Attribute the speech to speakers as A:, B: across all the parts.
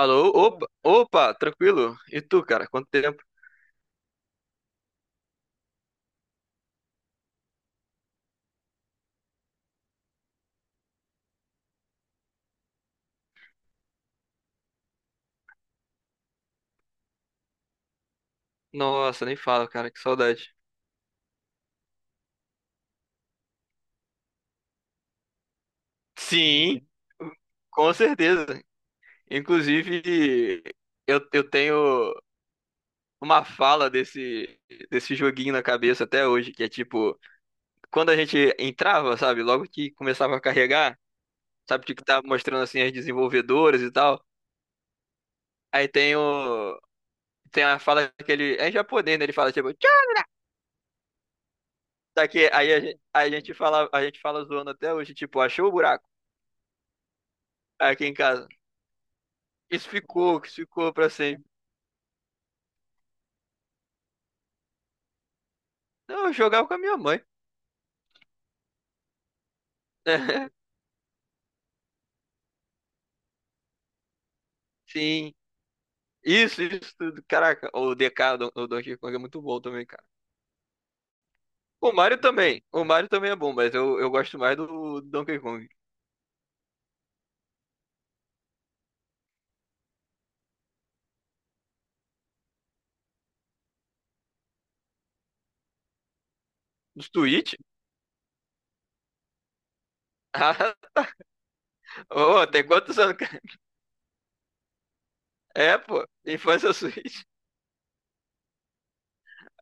A: Alô, opa, opa, tranquilo? E tu, cara? Quanto tempo? Nossa, nem fala, cara, que saudade. Sim, com certeza. Inclusive, eu tenho uma fala desse joguinho na cabeça até hoje, que é tipo, quando a gente entrava, sabe, logo que começava a carregar, sabe, tipo, que tava mostrando assim as desenvolvedoras e tal. Aí tem o. Tem a fala que ele. É em japonês, né? Ele fala, tipo, "Tchau". Só que aí a gente fala zoando até hoje, tipo, achou o buraco? Aqui em casa. Isso ficou, que ficou pra sempre. Não, eu jogava com a minha mãe. Sim. Isso tudo. Caraca, o DK, o do Donkey Kong é muito bom também, cara. O Mario também. O Mario também é bom, mas eu gosto mais do Donkey Kong. Dos Switch? Ah, ô, tem quantos anos? É, pô. Infância Switch.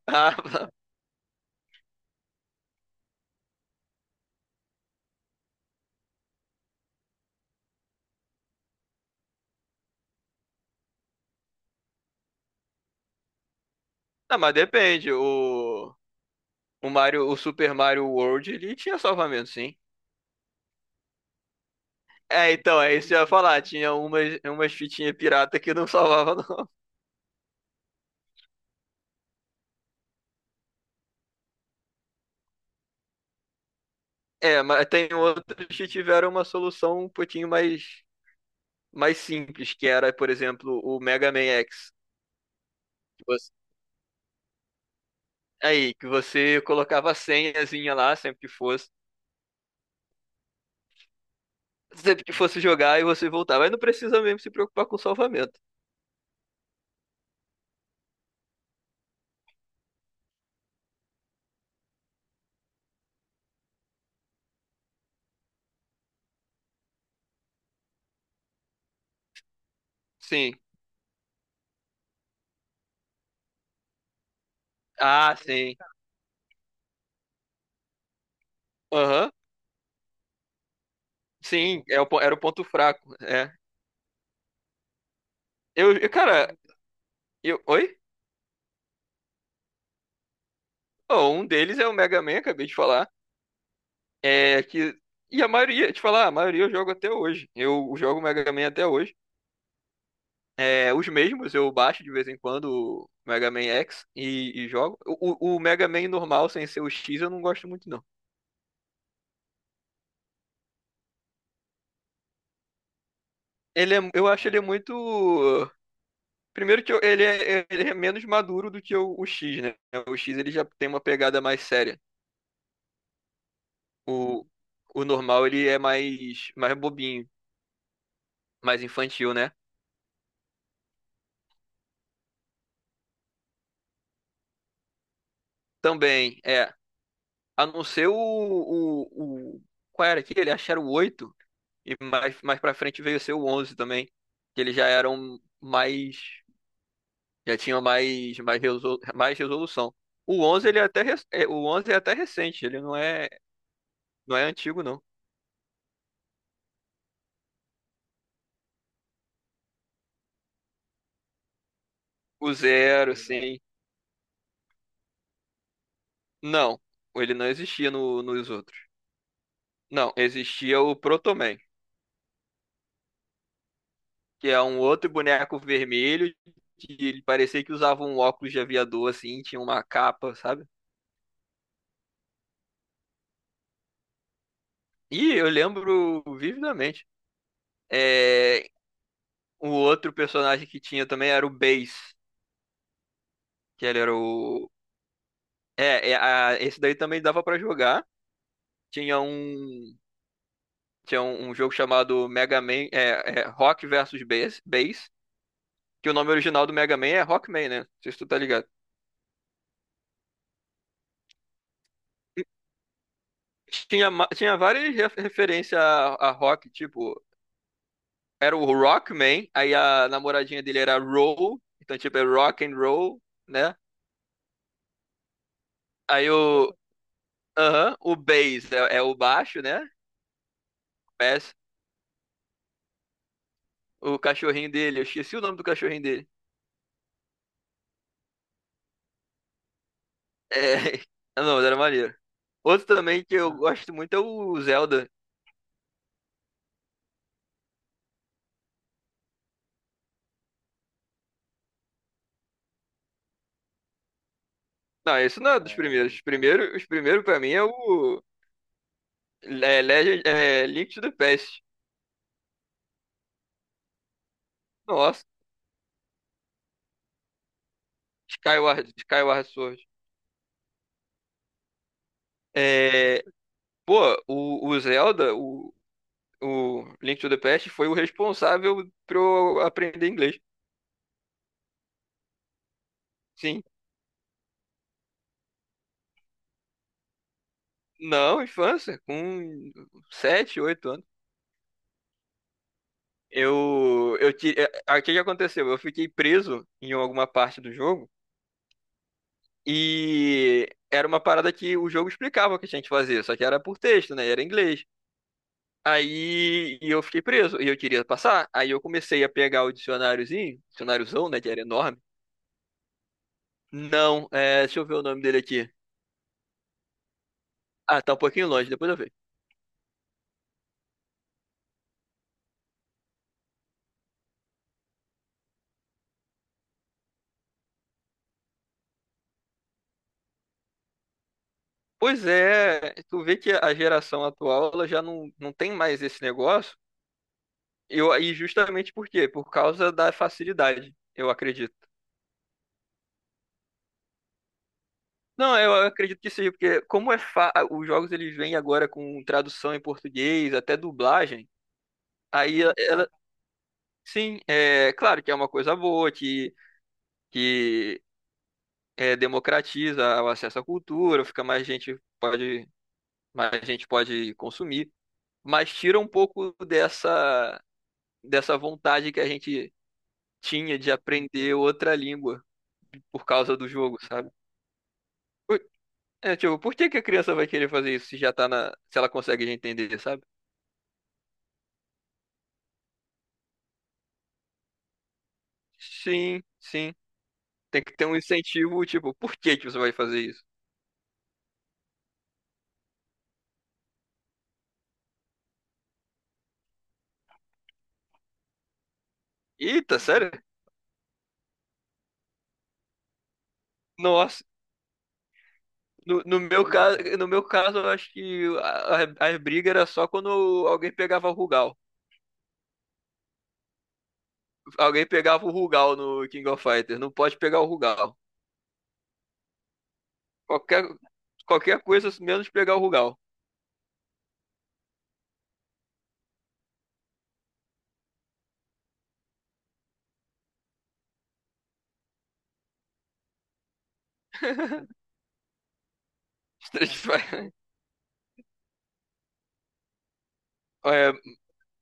A: Ah, pá. Não, mas depende. O Mario, o Super Mario World, ele tinha salvamento, sim. É, então, é isso que eu ia falar. Tinha umas fitinhas pirata que não salvava, não. É, mas tem outros que tiveram uma solução um pouquinho mais, mais simples, que era, por exemplo, o Mega Man X. que você- Aí, que você colocava a senhazinha lá, sempre que fosse jogar e você voltava. Aí não precisa mesmo se preocupar com o salvamento. Sim. Ah, sim. Aham. Sim, é o era o ponto fraco. É. Cara, eu. Oi? Oh, um deles é o Mega Man, acabei de falar. É que. E a maioria, te falar, a maioria eu jogo até hoje. Eu jogo Mega Man até hoje. É, os mesmos, eu baixo de vez em quando o Mega Man X e jogo. O o Mega Man normal, sem ser o X, eu não gosto muito, não. Ele é, eu acho ele muito. Primeiro que ele é menos maduro do que o X, né? O X ele já tem uma pegada mais séria. O, o normal ele é mais, mais bobinho, mais infantil, né? Também, é. A não ser o- qual era aquele? Acho que era o oito. E mais, mais pra frente veio a ser o 11 também. Que eles já eram mais. Já tinha mais, mais, mais resolução. O 11 ele é até, é, o 11 é até recente, ele não é, não é antigo, não. O Zero, sim. Não, ele não existia nos outros. Não, existia o Protoman, que é um outro boneco vermelho, que ele parecia que usava um óculos de aviador, assim, tinha uma capa, sabe? E eu lembro vividamente. É, o outro personagem que tinha também era o Bass, que ele era o... É, é, esse daí também dava pra jogar, tinha um tinha um, um jogo chamado Mega Man é, é, Rock versus Bass, que o nome original do Mega Man é Rockman, né? Não sei se tu tá ligado. E tinha, tinha várias referências a rock, tipo, era o Rockman, aí a namoradinha dele era Roll, então tipo é Rock and Roll, né? Aí o aham, o Bass é, é o baixo, né? Bass, o cachorrinho dele, eu esqueci o nome do cachorrinho dele. É, ah, não, mas era maneiro. Outro também que eu gosto muito é o Zelda. Não, isso não é dos primeiros. Os primeiros pra mim é o é, Legend, é, Link to the Past. Nossa, Skyward Sword. É, pô, o Zelda, o Link to the Past foi o responsável pra eu aprender inglês. Sim. Não, infância, com sete oito anos. É, aí o que que aconteceu? Eu fiquei preso em alguma parte do jogo e era uma parada que o jogo explicava o que a gente fazia, só que era por texto, né? Era em inglês. Aí e eu fiquei preso e eu queria passar. Aí eu comecei a pegar o dicionáriozão, né, que era enorme. Não, é, deixa eu ver o nome dele aqui. Ah, tá um pouquinho longe, depois eu vejo. Pois é, tu vê que a geração atual ela já não tem mais esse negócio. Eu, e justamente por quê? Por causa da facilidade, eu acredito. Não, eu acredito que seja, porque como é fa... os jogos eles vêm agora com tradução em português, até dublagem, aí ela, ela- sim, é claro que é uma coisa boa, que é, democratiza o acesso à cultura, fica mais gente pode consumir, mas tira um pouco dessa vontade que a gente tinha de aprender outra língua por causa do jogo, sabe? Por- É, tipo, por que que a criança vai querer fazer isso se já tá se ela consegue já entender, sabe? Sim, sim. Tem que ter um incentivo, tipo, por que que você vai fazer isso? Eita, sério? Nossa. No meu caso, no meu caso, eu acho que as brigas era só quando alguém pegava o Rugal. Alguém pegava o Rugal no King of Fighters. Não pode pegar o Rugal. Qualquer, qualquer coisa menos pegar o Rugal. Street Fighter. É,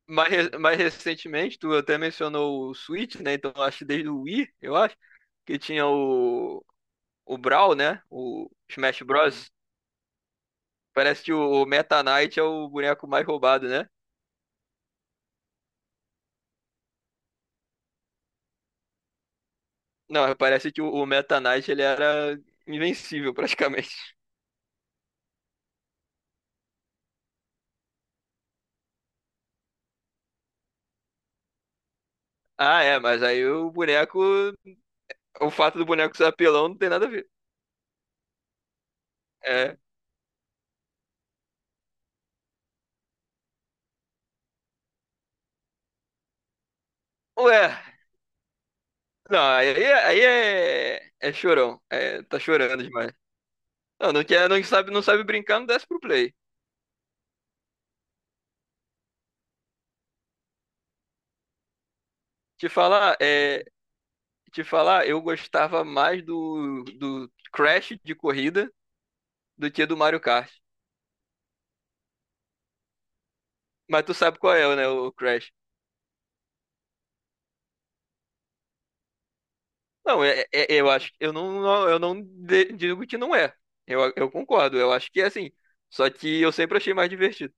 A: mais, mais recentemente, tu até mencionou o Switch, né? Então acho que desde o Wii, eu acho, que tinha o Brawl, né? O Smash Bros. Parece que o Meta Knight é o boneco mais roubado, né? Não, parece que o Meta Knight ele era invencível praticamente. Ah, é, mas aí o boneco. O fato do boneco ser apelão não tem nada a ver. É. Ué, não, aí, aí é. É chorão. É, tá chorando demais. Não, não quer, não sabe, não sabe brincar, não desce pro play. Te falar, é. Te falar, eu gostava mais do Crash de corrida do que do Mario Kart. Mas tu sabe qual é, né, o Crash. Não, é, eu acho, eu não digo que não é. Eu concordo, eu acho que é assim. Só que eu sempre achei mais divertido.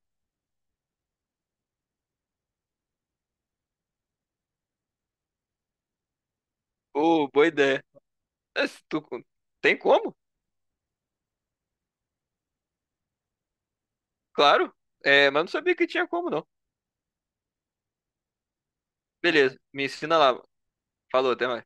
A: Pô, boa ideia. É, se tu- tem como? Claro. É, mas não sabia que tinha como, não. Beleza, me ensina lá. Falou, até mais.